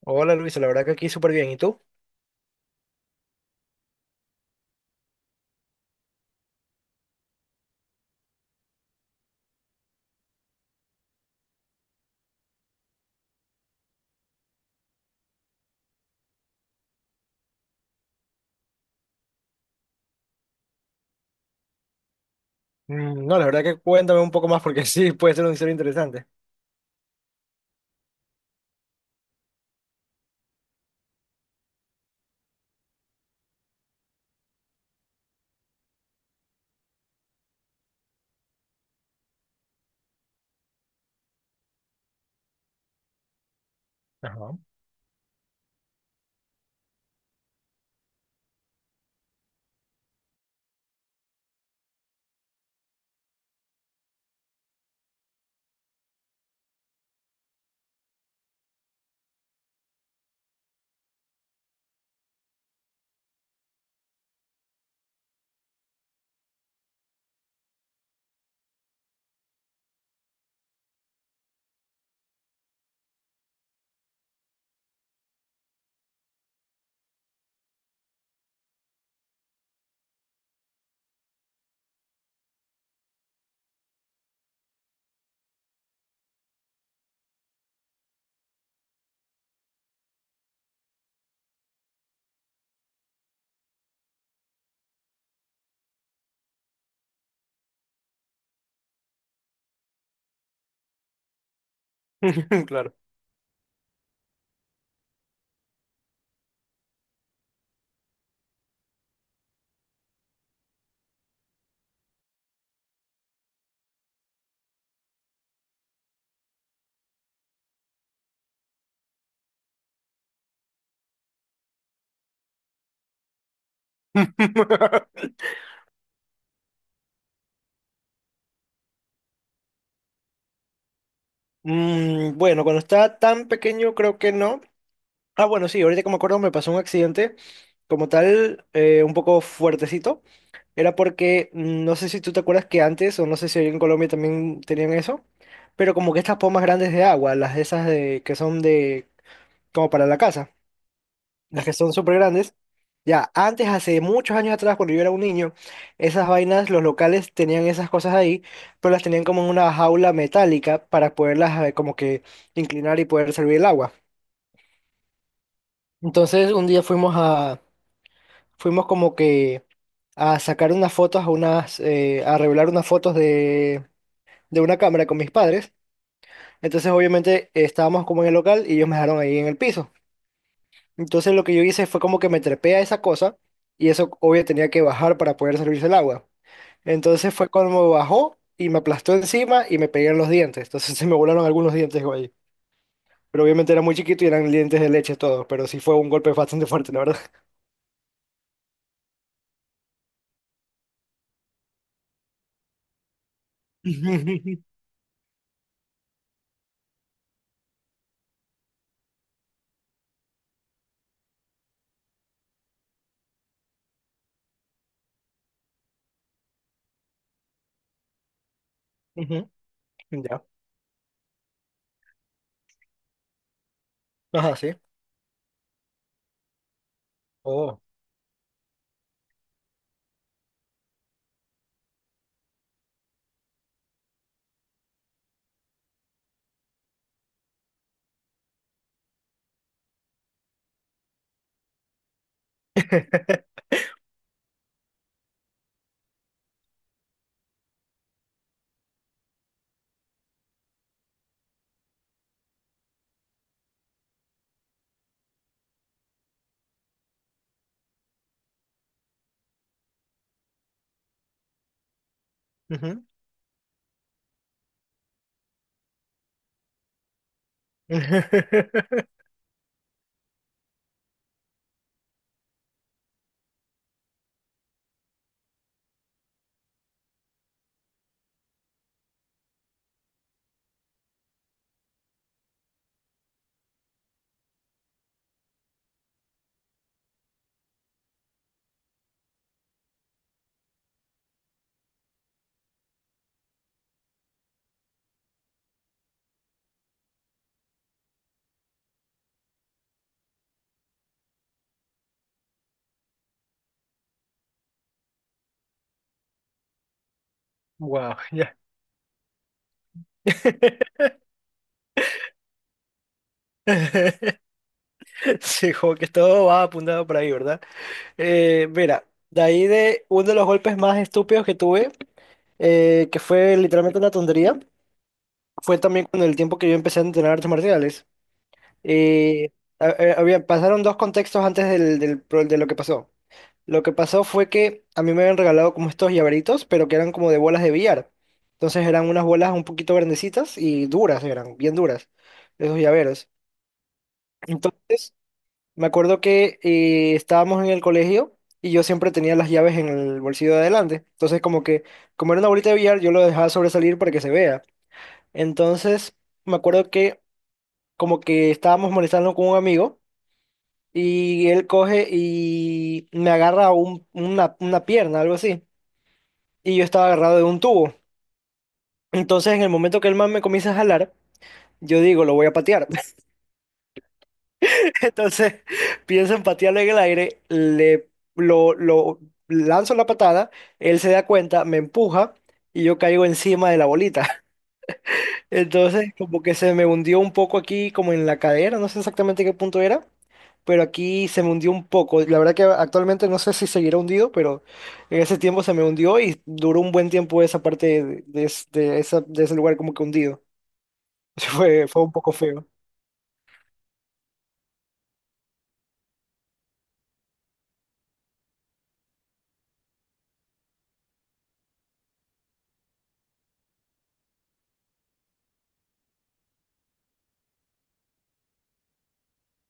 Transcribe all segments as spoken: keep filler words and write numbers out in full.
Hola Luisa, la verdad que aquí súper bien. ¿Y tú? Mm, no, la verdad que cuéntame un poco más porque sí, puede ser una historia interesante. Ajá. Claro. Mm, bueno, cuando estaba tan pequeño creo que no. Ah, bueno, sí, ahorita como me acuerdo me pasó un accidente como tal, eh, un poco fuertecito. Era porque, mm, no sé si tú te acuerdas que antes, o no sé si ahí en Colombia también tenían eso, pero como que estas pomas grandes de agua, las de esas de, que son de, como para la casa. Las que son súper grandes. Ya, antes, hace muchos años atrás, cuando yo era un niño, esas vainas, los locales tenían esas cosas ahí, pero las tenían como en una jaula metálica para poderlas eh, como que inclinar y poder servir el agua. Entonces, un día fuimos a, fuimos como que a sacar unas fotos, a unas, eh, a revelar unas fotos de, de una cámara con mis padres. Entonces, obviamente, estábamos como en el local y ellos me dejaron ahí en el piso. Entonces lo que yo hice fue como que me trepé a esa cosa y eso obvio tenía que bajar para poder servirse el agua. Entonces fue como bajó y me aplastó encima y me pegué en los dientes. Entonces se me volaron algunos dientes güey. Pero obviamente era muy chiquito y eran dientes de leche todos, pero sí fue un golpe bastante fuerte, la verdad. Ujú. Ya. Ajá, sí. Oh. Ujú. Wow, ya. Sí, como que todo va apuntado por ahí, ¿verdad? Eh, mira, de ahí de uno de los golpes más estúpidos que tuve, eh, que fue literalmente una tontería, fue también con el tiempo que yo empecé a entrenar artes marciales. Eh, ha- ha- había, pasaron dos contextos antes del, del pro- de lo que pasó. Lo que pasó fue que a mí me habían regalado como estos llaveritos, pero que eran como de bolas de billar. Entonces eran unas bolas un poquito grandecitas y duras, eran bien duras, esos llaveros. Entonces… Me acuerdo que eh, estábamos en el colegio y yo siempre tenía las llaves en el bolsillo de adelante. Entonces, como que, como era una bolita de billar, yo lo dejaba sobresalir para que se vea. Entonces, me acuerdo que como que estábamos molestando con un amigo y él coge y me agarra un- una, una pierna, algo así. Y yo estaba agarrado de un tubo. Entonces, en el momento que el man me comienza a jalar, yo digo, lo voy a patear. Entonces pienso en patearle en el aire, le lo, lo lanzo la patada, él se da cuenta, me empuja y yo caigo encima de la bolita. Entonces como que se me hundió un poco aquí como en la cadera, no sé exactamente qué punto era, pero aquí se me hundió un poco. La verdad que actualmente no sé si seguirá hundido, pero en ese tiempo se me hundió y duró un buen tiempo esa parte de, de, es- de esa- de ese lugar como que hundido. Fue, fue un poco feo.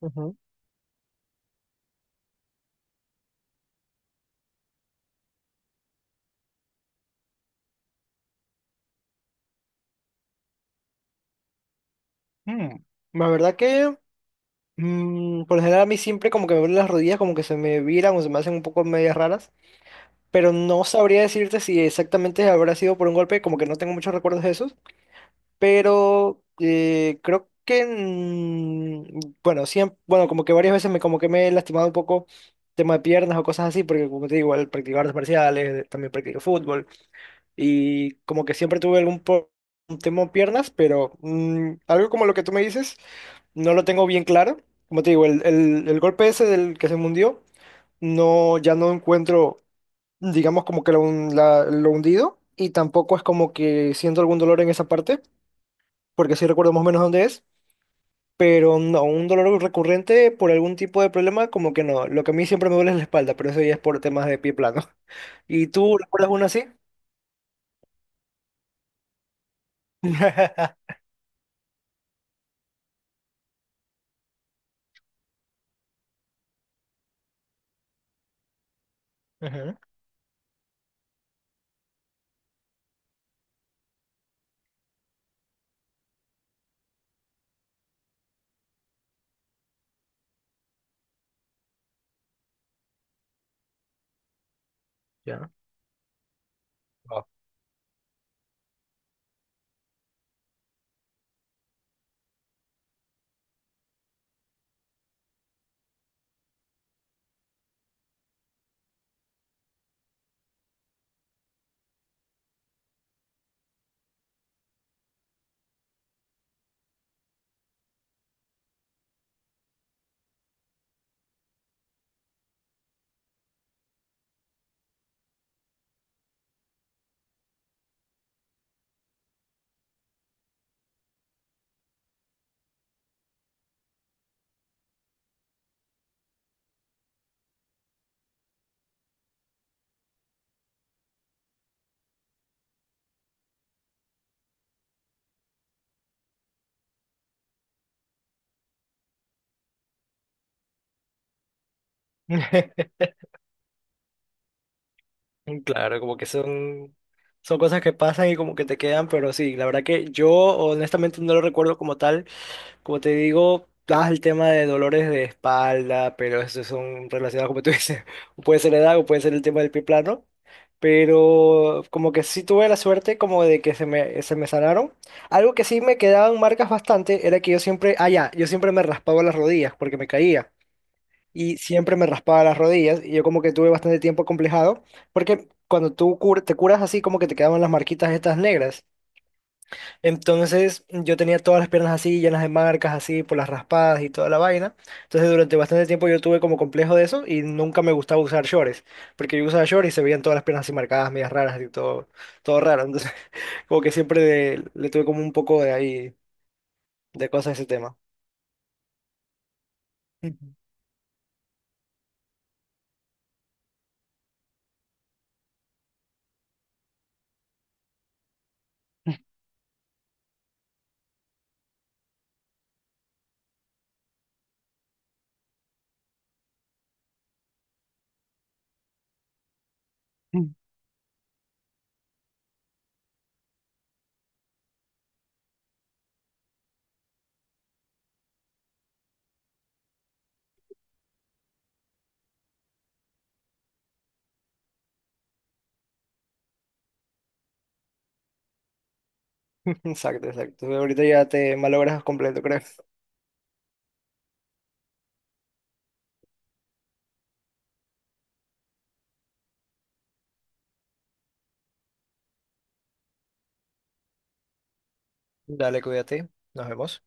Ujú. Mm. La verdad que, mm, por lo general, a mí siempre como que me duelen las rodillas, como que se me viran o se me hacen un poco medias raras, pero no sabría decirte si exactamente habrá sido por un golpe, como que no tengo muchos recuerdos de esos. Pero eh, creo que, mm, bueno, siempre, bueno, como que varias veces me, como que me he lastimado un poco tema de piernas o cosas así, porque como te digo, al practicar artes marciales, eh, también practico fútbol, y como que siempre tuve algún po- un tema de piernas, pero mm, algo como lo que tú me dices, no lo tengo bien claro. Como te digo, el, el, el golpe ese del que se me hundió, no, ya no encuentro, digamos, como que lo, hun- la- lo hundido, y tampoco es como que siento algún dolor en esa parte porque sí recuerdo más o menos dónde es, pero no, un dolor recurrente por algún tipo de problema, como que no. Lo que a mí siempre me duele es la espalda, pero eso ya es por temas de pie plano. ¿Y tú recuerdas uno así? Ujú. Ya. Wow. Claro, como que son, son cosas que pasan y como que te quedan, pero sí, la verdad que yo honestamente no lo recuerdo como tal. Como te digo, das el tema de dolores de espalda, pero esos son relacionados, como tú dices, o puede ser la edad o puede ser el tema del pie plano. Pero como que sí tuve la suerte como de que se me, se me sanaron. Algo que sí me quedaban marcas bastante era que yo siempre, ah ya, yo siempre me raspaba las rodillas porque me caía. Y siempre me raspaba las rodillas y yo como que tuve bastante tiempo complejado porque cuando tú cur- te curas así como que te quedaban las marquitas estas negras. Entonces yo tenía todas las piernas así, llenas de marcas así, por las raspadas y toda la vaina. Entonces durante bastante tiempo yo tuve como complejo de eso y nunca me gustaba usar shorts, porque yo usaba shorts y se veían todas las piernas así marcadas, medias raras y todo, todo raro. Entonces como que siempre de- le tuve como un poco de ahí, de cosas a ese tema. Ujú. Exacto, exacto. Ahorita ya te malogras completo, creo. Dale, cuídate. Nos vemos.